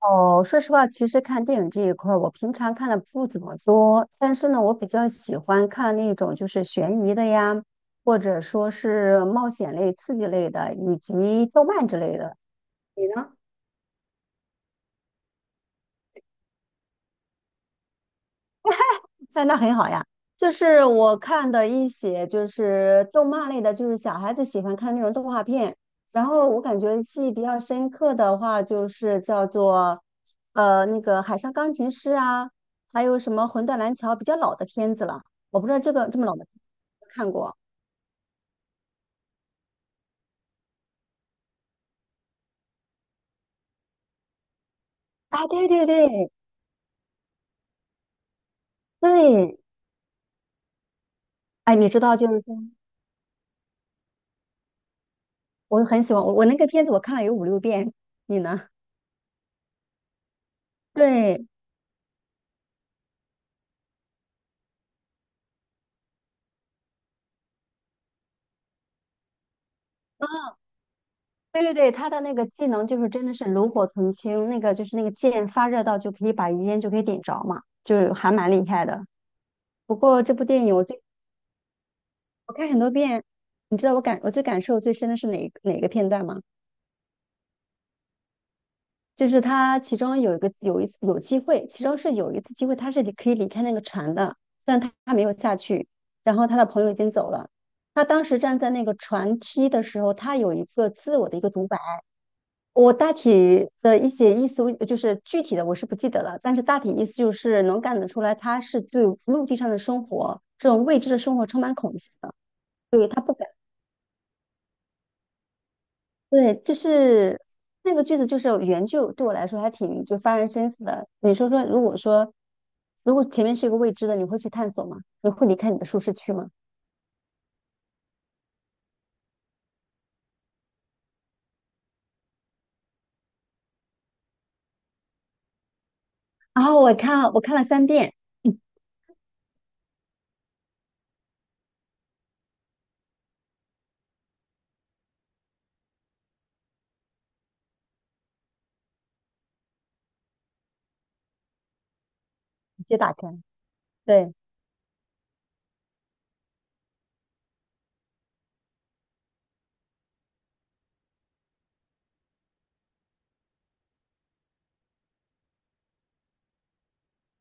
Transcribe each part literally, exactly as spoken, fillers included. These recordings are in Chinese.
哦，说实话，其实看电影这一块儿，我平常看的不怎么多，但是呢，我比较喜欢看那种就是悬疑的呀，或者说是冒险类、刺激类的，以及动漫之类的。你呢？哎，那很好呀。就是我看的一些就是动漫类的，就是小孩子喜欢看那种动画片。然后我感觉记忆比较深刻的话，就是叫做呃那个《海上钢琴师》啊，还有什么《魂断蓝桥》比较老的片子了。我不知道这个这么老的片子有没有看过。啊，对对对对，哎，你知道就是说，我很喜欢我我那个片子我看了有五六遍，你呢？对。对对对，他的那个技能就是真的是炉火纯青，那个就是那个剑发热到就可以把余烟就可以点着嘛，就是还蛮厉害的。不过这部电影我最我看很多遍，你知道我感我最感受最深的是哪一哪一个片段吗？就是他其中有一个有一次有机会，其中是有一次机会他是离可以离开那个船的，但他他没有下去，然后他的朋友已经走了。他当时站在那个船梯的时候，他有一个自我的一个独白。我大体的一些意思，就是具体的我是不记得了，但是大体意思就是能看得出来，他是对陆地上的生活这种未知的生活充满恐惧的，所以他不敢。对，就是那个句子，就是原句对我来说还挺就发人深思的。你说说，如果说如果前面是一个未知的，你会去探索吗？你会离开你的舒适区吗？然后我看了，我看了三遍，直接打开。对，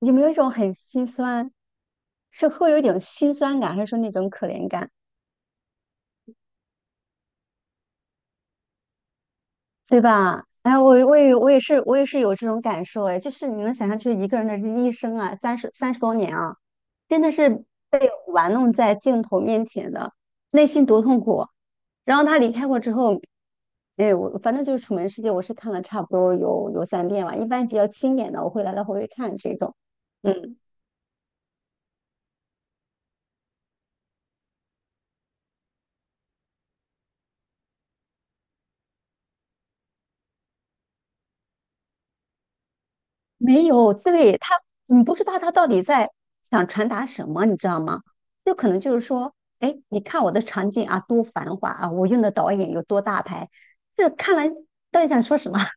有没有一种很心酸，是会有一种心酸感，还是说那种可怜感？对吧？哎，我我也我也是我也是有这种感受，哎，就是你能想象，就是一个人的这一生啊，三十三十多年啊，真的是被玩弄在镜头面前的，内心多痛苦啊。然后他离开过之后，哎，我反正就是《楚门世界》，我是看了差不多有有三遍吧，一般比较经典的我会来来回回看这种，嗯。没有，对，他，你不知道他到底在想传达什么，你知道吗？就可能就是说，哎，你看我的场景啊，多繁华啊，我用的导演有多大牌，这看完到底想说什么？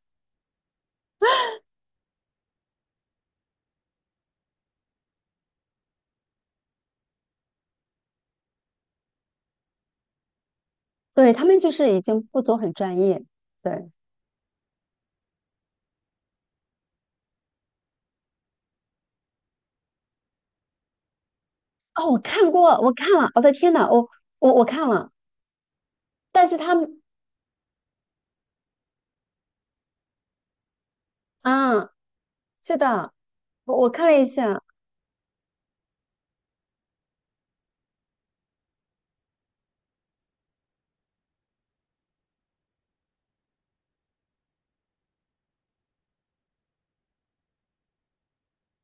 对，他们就是已经不走很专业。对，哦，我看过，我看了，我的天呐，我我我看了，但是他们啊，是的，我我看了一下，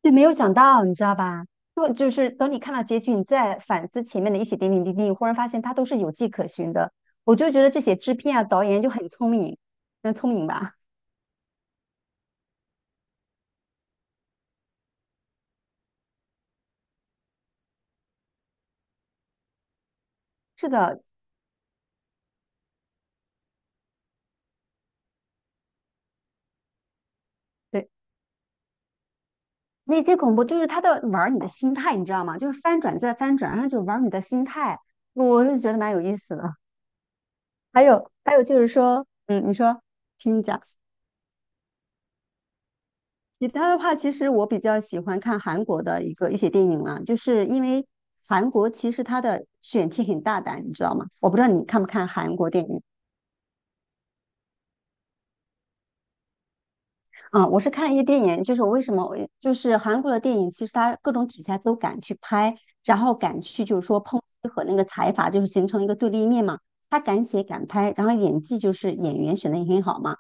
就没有想到，你知道吧？就就是等你看到结局，你再反思前面的一些点点滴滴，你忽然发现它都是有迹可循的。我就觉得这些制片啊、导演就很聪明，很聪明吧？是的，对，那些恐怖就是他在玩儿你的心态，你知道吗？就是翻转再翻转，然后就玩儿你的心态，我就觉得蛮有意思的。还有还有就是说，嗯，你说，听你讲。其他的话，其实我比较喜欢看韩国的一个一些电影啊，就是因为韩国其实它的选题很大胆，你知道吗？我不知道你看不看韩国电影。啊，呃我是看一些电影，就是我为什么我就是韩国的电影，其实它各种题材都敢去拍，然后敢去就是说抨击和那个财阀就是形成一个对立面嘛，他敢写敢拍，然后演技就是演员选的也很好嘛。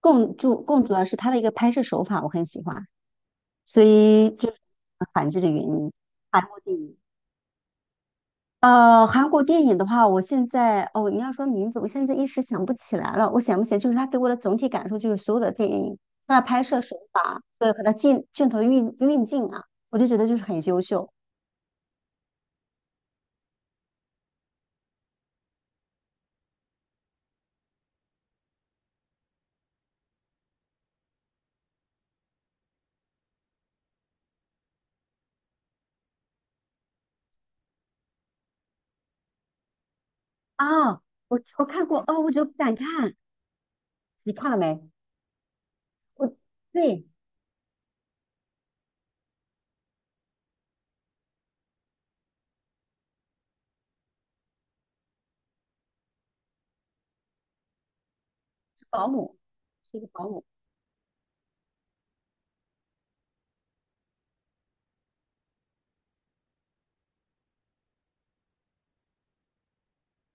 更主更主要是他的一个拍摄手法我很喜欢，所以就是韩剧的原因，韩国电影。呃，韩国电影的话，我现在哦，你要说名字，我现在一时想不起来了。我想不起来，就是它给我的总体感受，就是所有的电影，它的拍摄手法，对，和它镜镜头运运镜啊，我就觉得就是很优秀啊。我我看过哦，我觉得不敢看，你看了没？我对，是保姆，是一个保姆。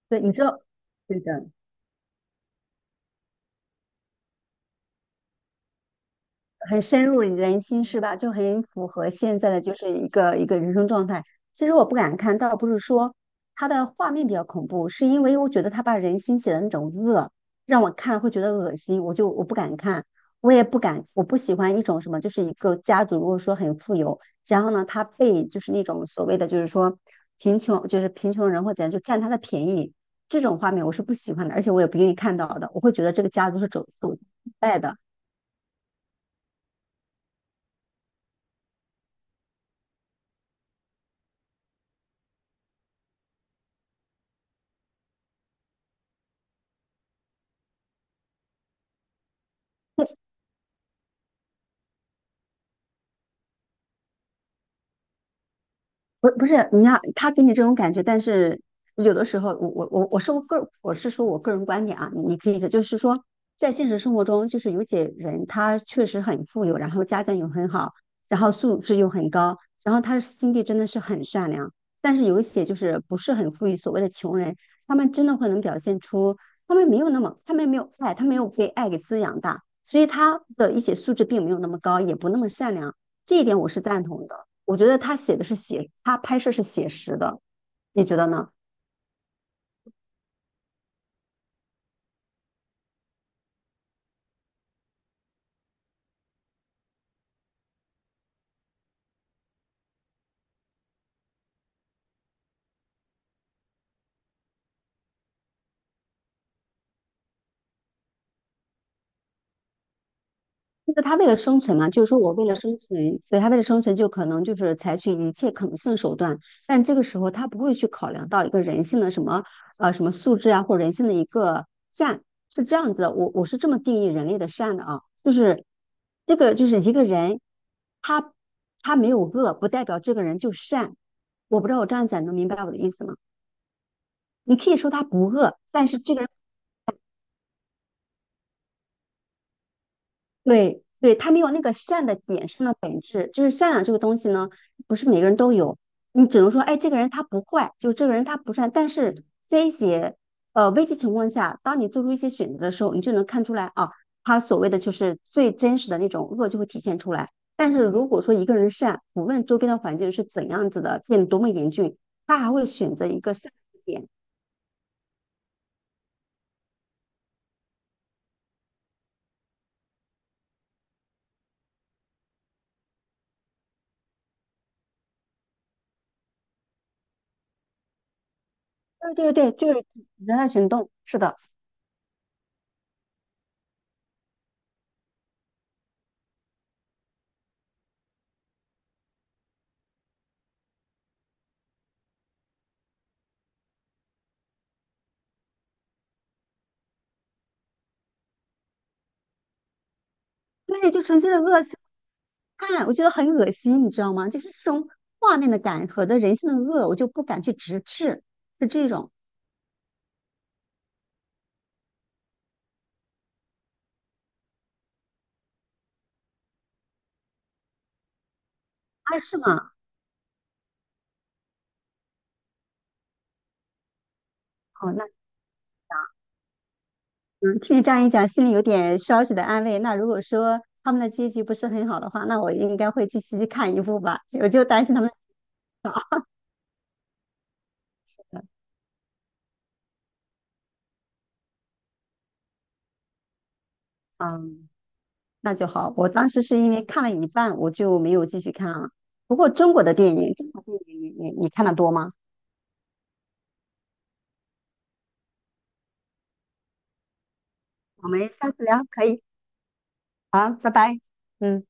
对，你知道，对的，很深入人心是吧？就很符合现在的就是一个一个人生状态。其实我不敢看，倒不是说它的画面比较恐怖，是因为我觉得他把人心写的那种恶，让我看了会觉得恶心，我就我不敢看，我也不敢，我不喜欢一种什么，就是一个家族如果说很富有，然后呢，他被就是那种所谓的就是说贫穷，就是贫穷人或怎样就占他的便宜，这种画面我是不喜欢的，而且我也不愿意看到的，我会觉得这个家族是走走败的。不，不是你看他给你这种感觉，但是有的时候我我我我说个我是说我个人观点啊，你你可以就就是说，在现实生活中，就是有些人他确实很富有，然后家境又很好，然后素质又很高，然后他的心地真的是很善良，但是有一些就是不是很富裕，所谓的穷人，他们真的会能表现出他们没有那么他们没有爱，他没有被爱给滋养大，所以他的一些素质并没有那么高，也不那么善良，这一点我是赞同的。我觉得他写的是写，他拍摄是写实的，你觉得呢？就是他为了生存嘛，就是说我为了生存，所以他为了生存就可能就是采取一切可能性的手段，但这个时候他不会去考量到一个人性的什么呃什么素质啊，或人性的一个善，是这样子的。我我是这么定义人类的善的啊，就是这个就是一个人他他没有恶，不代表这个人就善。我不知道我这样讲能明白我的意思吗？你可以说他不恶，但是这个人。对对，他没有那个善的点上的本质，就是善良这个东西呢，不是每个人都有。你只能说，哎，这个人他不坏，就这个人他不善。但是这一些呃危机情况下，当你做出一些选择的时候，你就能看出来啊，他所谓的就是最真实的那种恶就会体现出来。但是如果说一个人善，无论周边的环境是怎样子的，变得多么严峻，他还会选择一个善的点。对对对，就是人的行动，是的，对，就纯粹的恶。看，我觉得很恶心，你知道吗？就是这种画面的感和的人性的恶，我就不敢去直视，是这种啊，是吗？哦，那嗯，听你这样一讲，心里有点稍许的安慰。那如果说他们的结局不是很好的话，那我应该会继续去看一部吧。我就担心他们是好的，嗯，那就好。我当时是因为看了一半，我就没有继续看了。不过中国的电影，中国电影你你你看的多吗？我们下次聊，可以，好，拜拜，嗯。